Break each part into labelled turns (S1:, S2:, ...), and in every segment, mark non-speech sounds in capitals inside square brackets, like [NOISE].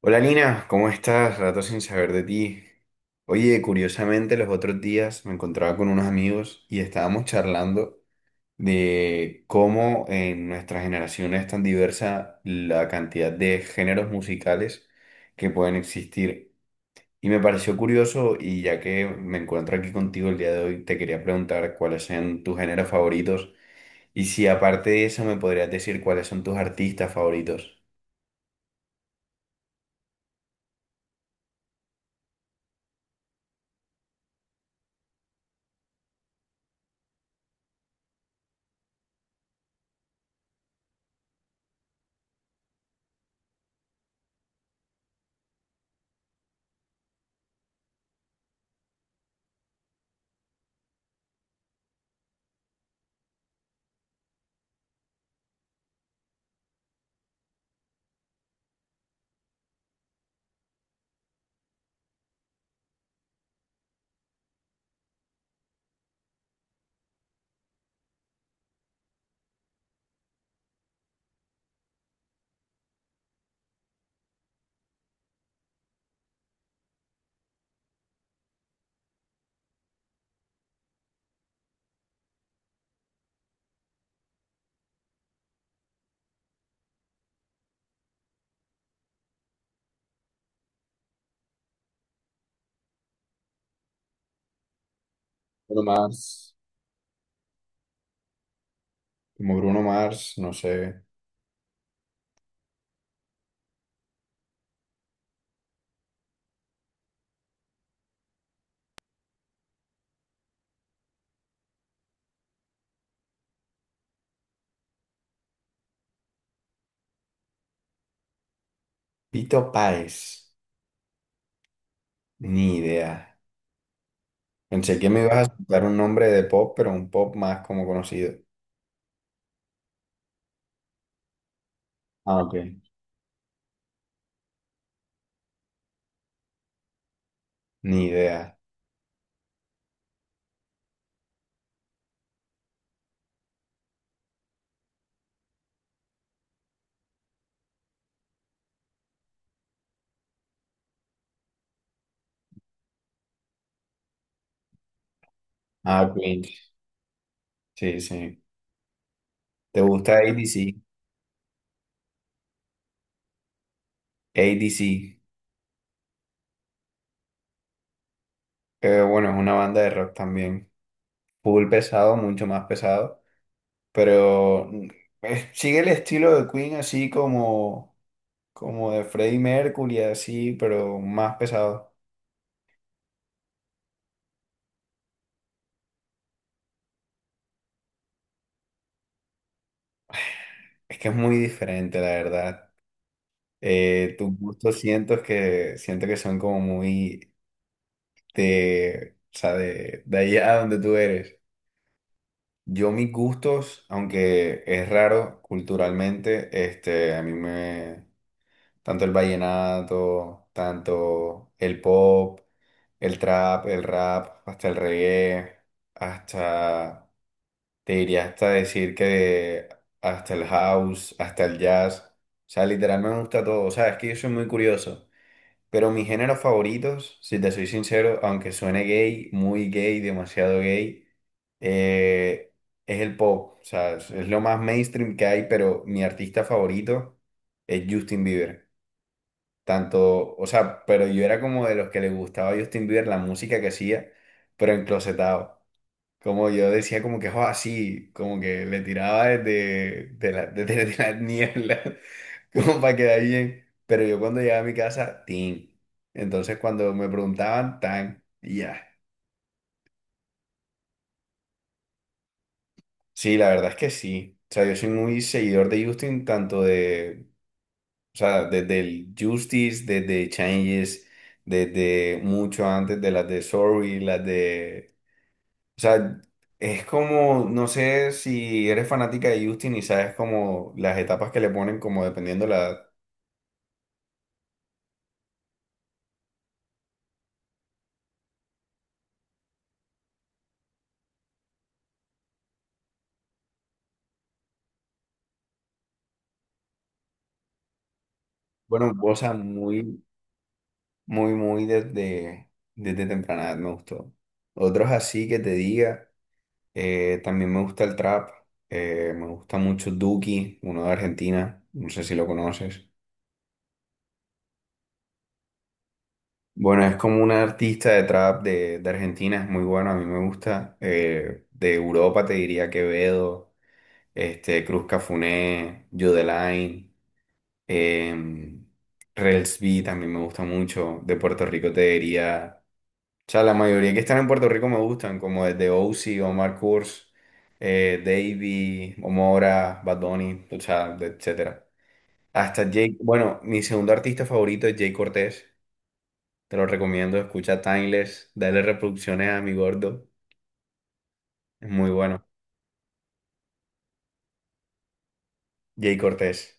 S1: Hola Nina, ¿cómo estás? Rato sin saber de ti. Oye, curiosamente los otros días me encontraba con unos amigos y estábamos charlando de cómo en nuestra generación es tan diversa la cantidad de géneros musicales que pueden existir. Y me pareció curioso y ya que me encuentro aquí contigo el día de hoy, te quería preguntar cuáles son tus géneros favoritos y si aparte de eso me podrías decir cuáles son tus artistas favoritos. Bruno Mars. Como Bruno Mars, no sé. Pito Páez, ni idea. Pensé que me ibas a dar un nombre de pop, pero un pop más como conocido. Ah, ok. Ni idea. Ah, Queen. Sí, sí. ¿Te gusta A D C? ¿ADC? ADC. Bueno, es una banda de rock también. Full pesado, mucho más pesado. Pero sigue el estilo de Queen así como, como de Freddie Mercury, así, pero más pesado. Es que es muy diferente, la verdad. Tus gustos siento que son como muy de, o sea, de allá donde tú eres. Yo mis gustos, aunque es raro culturalmente, este, a mí me, tanto el vallenato, tanto el pop, el trap, el rap, hasta el reggae, hasta, te diría hasta decir que hasta el house, hasta el jazz. O sea, literal me gusta todo. O sea, es que yo soy muy curioso. Pero mis géneros favoritos, si te soy sincero, aunque suene gay, muy gay, demasiado gay, eh, es el pop. O sea, es lo más mainstream que hay, pero mi artista favorito es Justin Bieber. Tanto, o sea, pero yo era como de los que le gustaba a Justin Bieber la música que hacía, pero enclosetado. Como yo decía, como que, oh, sí como que le tiraba desde [LAUGHS] la niebla, como para quedar bien. Pero yo cuando llegaba a mi casa, tin. Entonces cuando me preguntaban, tan, y ya. Sí, la verdad es que sí. O sea, yo soy muy seguidor de Justin, tanto de, o sea, desde el Justice, desde Changes, desde mucho antes de las de Sorry, las de O sea, es como, no sé si eres fanática de Justin y sabes como las etapas que le ponen, como dependiendo la edad. Bueno, Bosa muy desde, desde temprana edad me gustó. Otros así que te diga, también me gusta el trap, me gusta mucho Duki, uno de Argentina, no sé si lo conoces. Bueno, es como un artista de trap de Argentina, es muy bueno, a mí me gusta. De Europa te diría Quevedo, este, Cruz Cafuné, Yodelain, em, Rels también me gusta mucho. De Puerto Rico te diría. O sea, la mayoría que están en Puerto Rico me gustan, como desde Ozzy, Omar Kurz, Davey, Omora, Bad Bunny, o sea, de- etcétera. Hasta Jake, bueno, mi segundo artista favorito es Jay Cortés. Te lo recomiendo, escucha Timeless, dale reproducciones a mi gordo. Es muy bueno. Jay Cortés,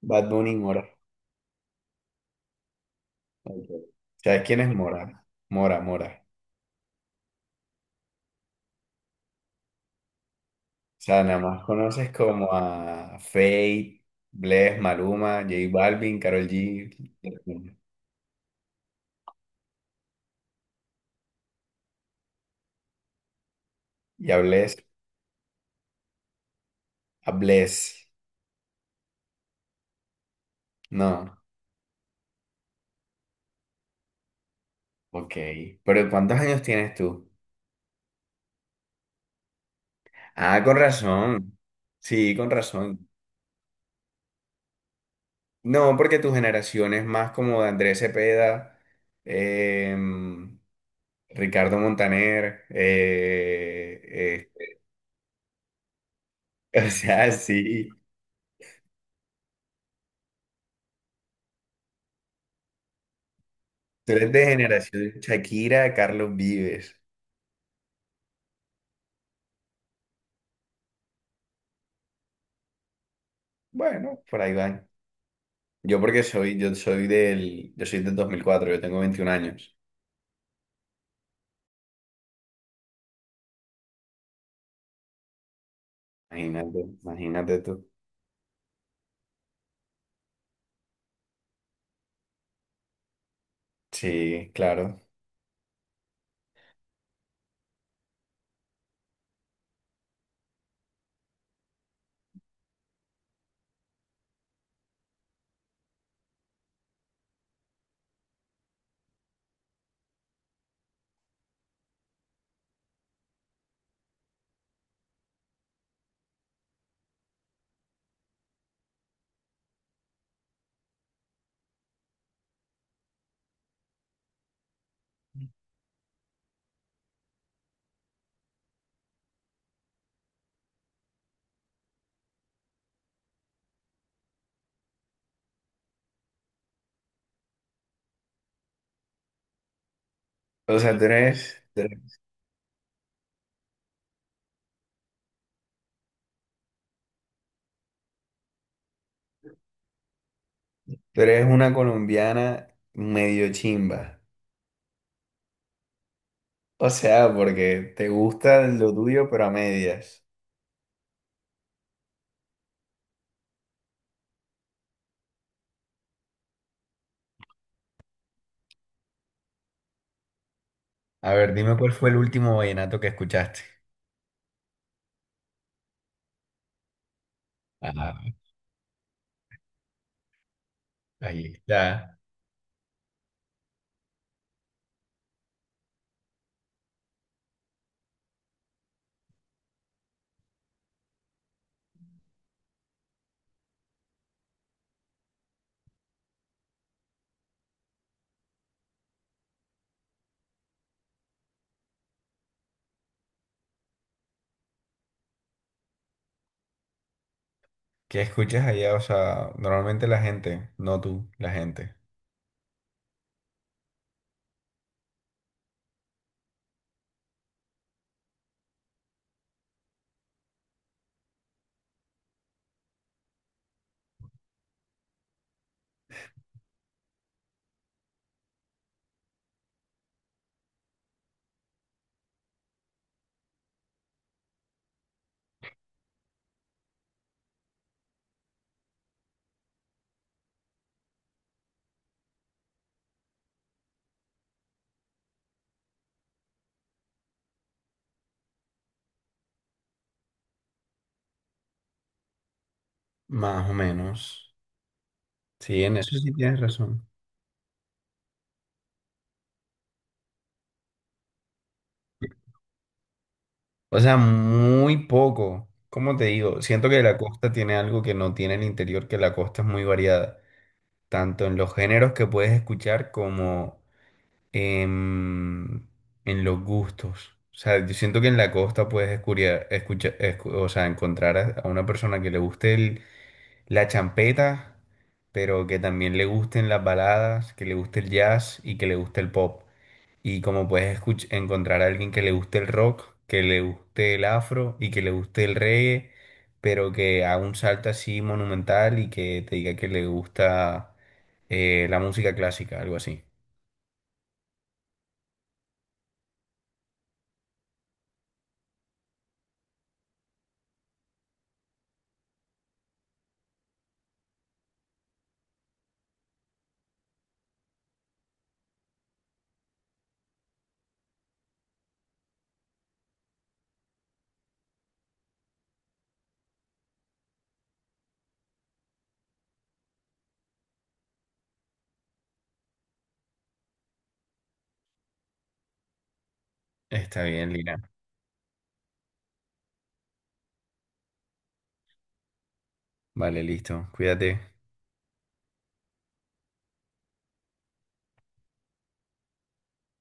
S1: Bad Bunny, Mora. Ok. ¿Sabes quién es Mora? Mora, Mora. O sea, nada más conoces como a Fate, Bless, Maluma, J Balvin, Karol G y a Bless. A Bless. No, ok. Pero ¿cuántos años tienes tú? Ah, con razón. Sí, con razón. No, porque tu generación es más como de Andrés Cepeda, em, Ricardo Montaner, [LAUGHS] o sea, sí. Tú eres de generación Shakira, Carlos Vives. Bueno, por ahí van. Yo porque soy, yo soy del 2004, yo tengo 21 años. Imagínate, imagínate tú. Sí, claro. O sea, tú eres una colombiana medio chimba. O sea, porque te gusta lo tuyo, pero a medias. A ver, dime cuál fue el último vallenato que escuchaste. Ah, ahí está. ¿Qué escuchas allá? O sea, normalmente la gente, no tú, la gente. Más o menos. Sí, en eso sí tienes razón. O sea, muy poco. ¿Cómo te digo? Siento que la costa tiene algo que no tiene el interior, que la costa es muy variada, tanto en los géneros que puedes escuchar como en, en los gustos. O sea, yo siento que en la costa puedes escuchar, o sea, encontrar a una persona que le guste el- la champeta, pero que también le gusten las baladas, que le guste el jazz y que le guste el pop. Y como puedes escuch- encontrar a alguien que le guste el rock, que le guste el afro y que le guste el reggae, pero que haga un salto así monumental y que te diga que le gusta la música clásica, algo así. Está bien, Lina. Vale, listo. Cuídate.